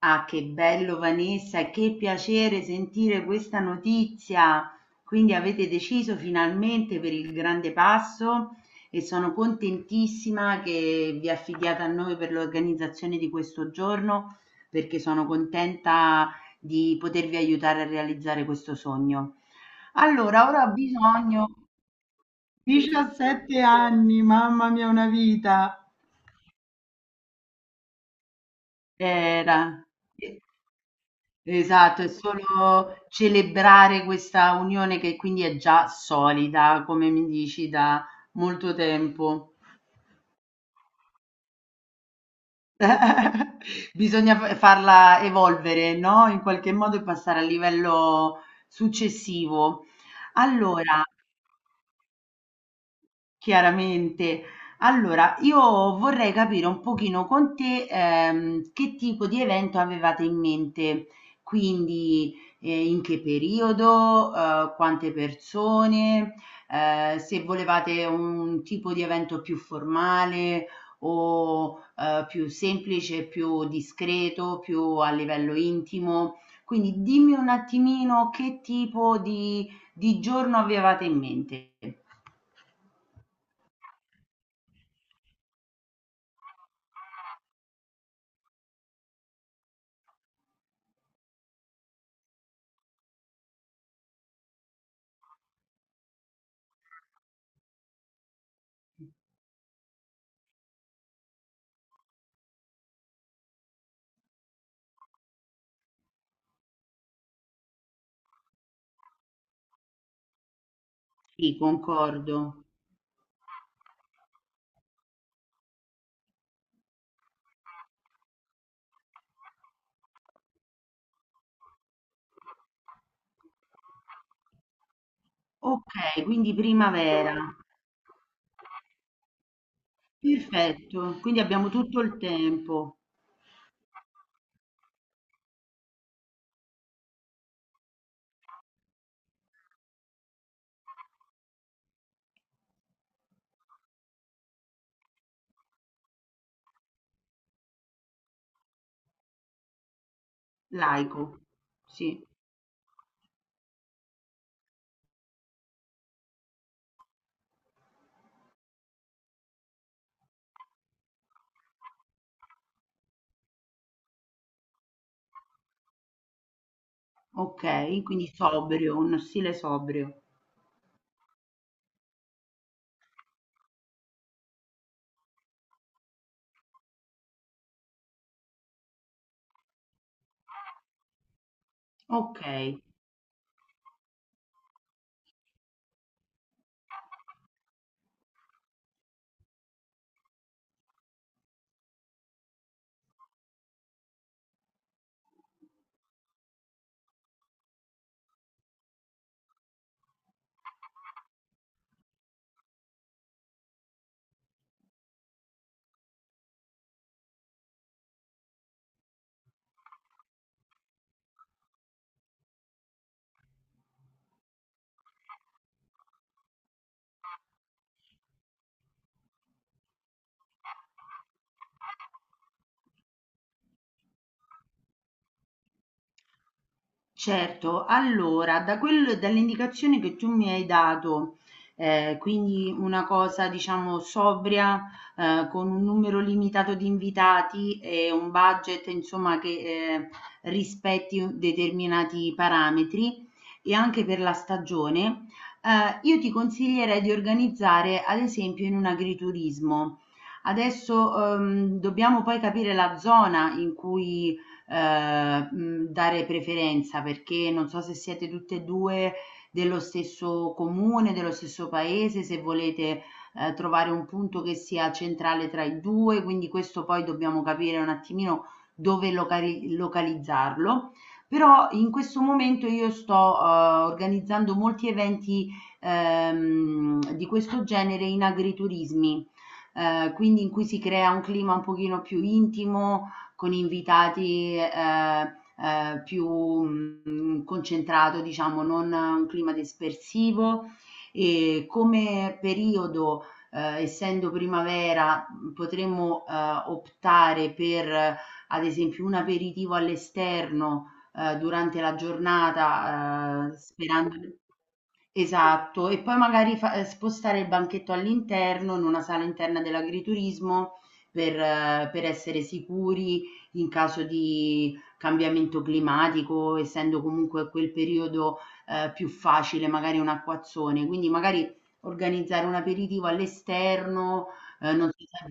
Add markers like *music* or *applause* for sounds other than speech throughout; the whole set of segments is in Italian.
Ah, che bello Vanessa, che piacere sentire questa notizia. Quindi avete deciso finalmente per il grande passo e sono contentissima che vi affidiate a noi per l'organizzazione di questo giorno, perché sono contenta di potervi aiutare a realizzare questo sogno. Allora, ora ho bisogno... 17 anni, mamma mia, una vita. Era. Esatto, è solo celebrare questa unione che quindi è già solida, come mi dici, da molto tempo. *laughs* Bisogna farla evolvere, no? In qualche modo e passare al livello successivo. Allora, chiaramente. Allora, io vorrei capire un pochino con te che tipo di evento avevate in mente, quindi in che periodo, quante persone, se volevate un tipo di evento più formale o più semplice, più discreto, più a livello intimo. Quindi dimmi un attimino che tipo di giorno avevate in mente. Sì, concordo. Ok, quindi primavera. Perfetto, quindi abbiamo tutto il tempo. Laico. Sì, ok, quindi sobrio, uno stile sobrio. Ok, certo, allora da quel dall'indicazione che tu mi hai dato, quindi una cosa diciamo sobria, con un numero limitato di invitati e un budget insomma che, rispetti u determinati parametri e anche per la stagione, io ti consiglierei di organizzare ad esempio in un agriturismo. Adesso, dobbiamo poi capire la zona in cui dare preferenza, perché non so se siete tutte e 2 dello stesso comune, dello stesso paese, se volete, trovare un punto che sia centrale tra i 2, quindi questo poi dobbiamo capire un attimino dove localizzarlo. Però in questo momento io sto, uhm, organizzando molti eventi, di questo genere in agriturismi, quindi in cui si crea un clima un pochino più intimo, con invitati più concentrato, diciamo, non un clima dispersivo. E come periodo, essendo primavera, potremmo optare per, ad esempio, un aperitivo all'esterno durante la giornata, sperando... Esatto, e poi magari fa spostare il banchetto all'interno, in una sala interna dell'agriturismo per essere sicuri in caso di cambiamento climatico, essendo comunque quel periodo, più facile magari un acquazzone. Quindi magari organizzare un aperitivo all'esterno, non si sa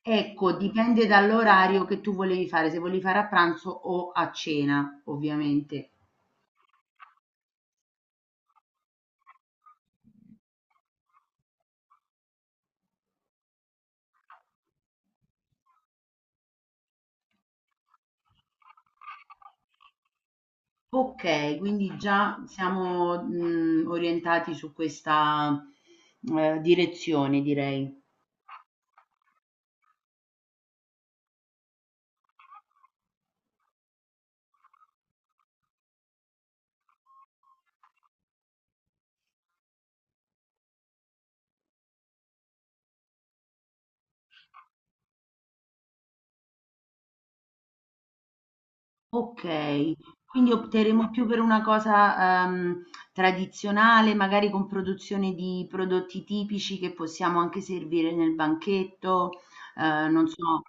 ecco, dipende dall'orario che tu volevi fare, se volevi fare a pranzo o a cena, ovviamente. Okay, quindi già siamo, mhmm, orientati su questa, direzione direi. Okay, quindi opteremo più per una cosa, tradizionale, magari con produzione di prodotti tipici che possiamo anche servire nel banchetto, non so.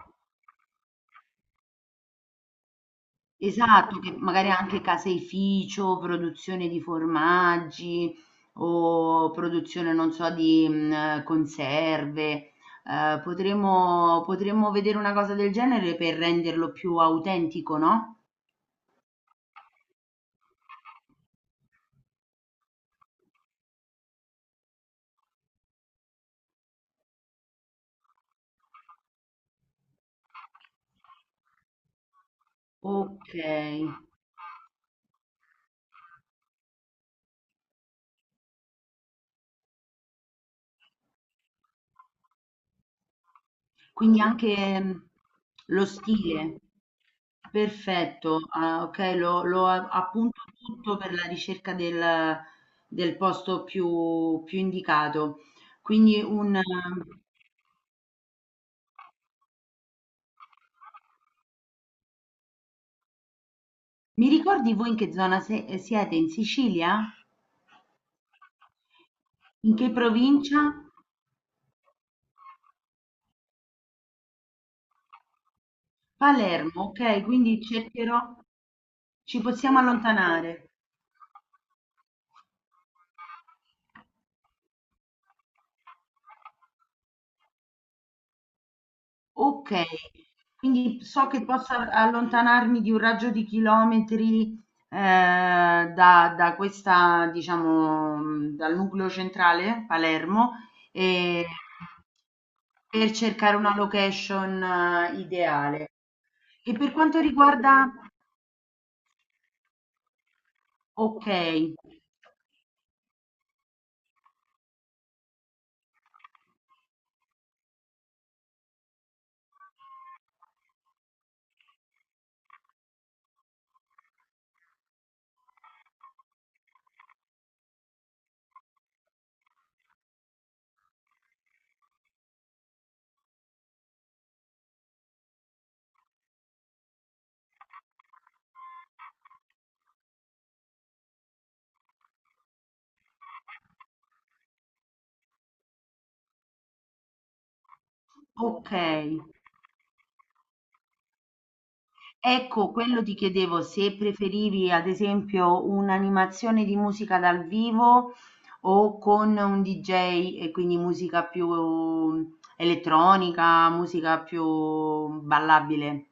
Esatto, che magari anche caseificio, produzione di formaggi o produzione, non so, di mhmm, conserve. Potremmo vedere una cosa del genere per renderlo più autentico, no? Okay, quindi anche, mhmm, lo stile. Perfetto, ah, okay, lo lo a appunto tutto per la ricerca del posto più indicato. Quindi un mi ricordi voi in che zona siete? In Sicilia? In che provincia? Palermo, ok, quindi cercherò, ci possiamo allontanare. Ok, quindi so che posso allontanarmi di un raggio di chilometri da, da questa, diciamo, dal nucleo centrale, Palermo, e- per cercare una location ideale. E per quanto riguarda, ok. Okay. Ecco, quello ti chiedevo se preferivi ad esempio un'animazione di musica dal vivo o con un DJ e quindi musica più elettronica, musica più ballabile.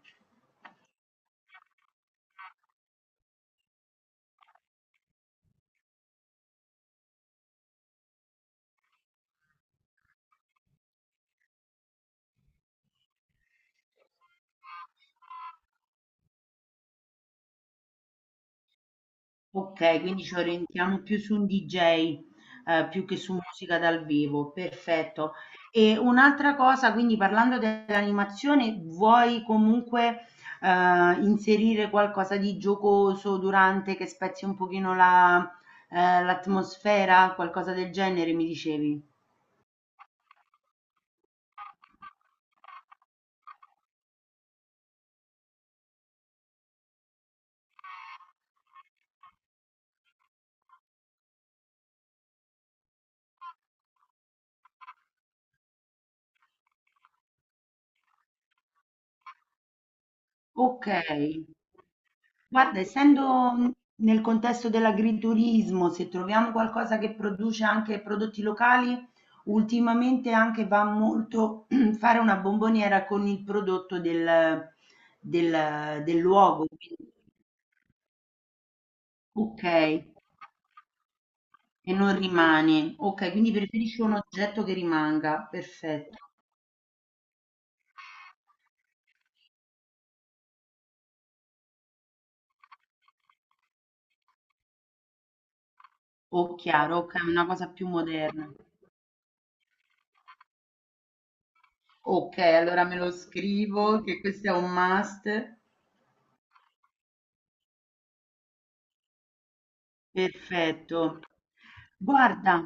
Okay, quindi ci orientiamo più su un DJ, più che su musica dal vivo, perfetto. E un'altra cosa, quindi parlando dell'animazione, vuoi comunque, inserire qualcosa di giocoso durante, che spezzi un pochino la l'atmosfera? Qualcosa del genere mi dicevi? Okay. Guarda, essendo nel contesto dell'agriturismo, se troviamo qualcosa che produce anche prodotti locali, ultimamente anche va molto *clears throat* fare una bomboniera con il prodotto del, del luogo. Quindi, ok, e non rimane. Ok, quindi preferisco un oggetto che rimanga. Perfetto. O chiaro, ok, una cosa più moderna. Ok, allora me lo scrivo che questo è un must. Perfetto. Guarda.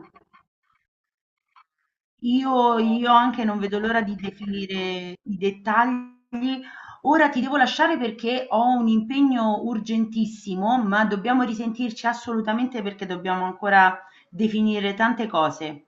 Io anche non vedo l'ora di definire i dettagli. Ora ti devo lasciare perché ho un impegno urgentissimo, ma dobbiamo risentirci assolutamente perché dobbiamo ancora definire tante cose.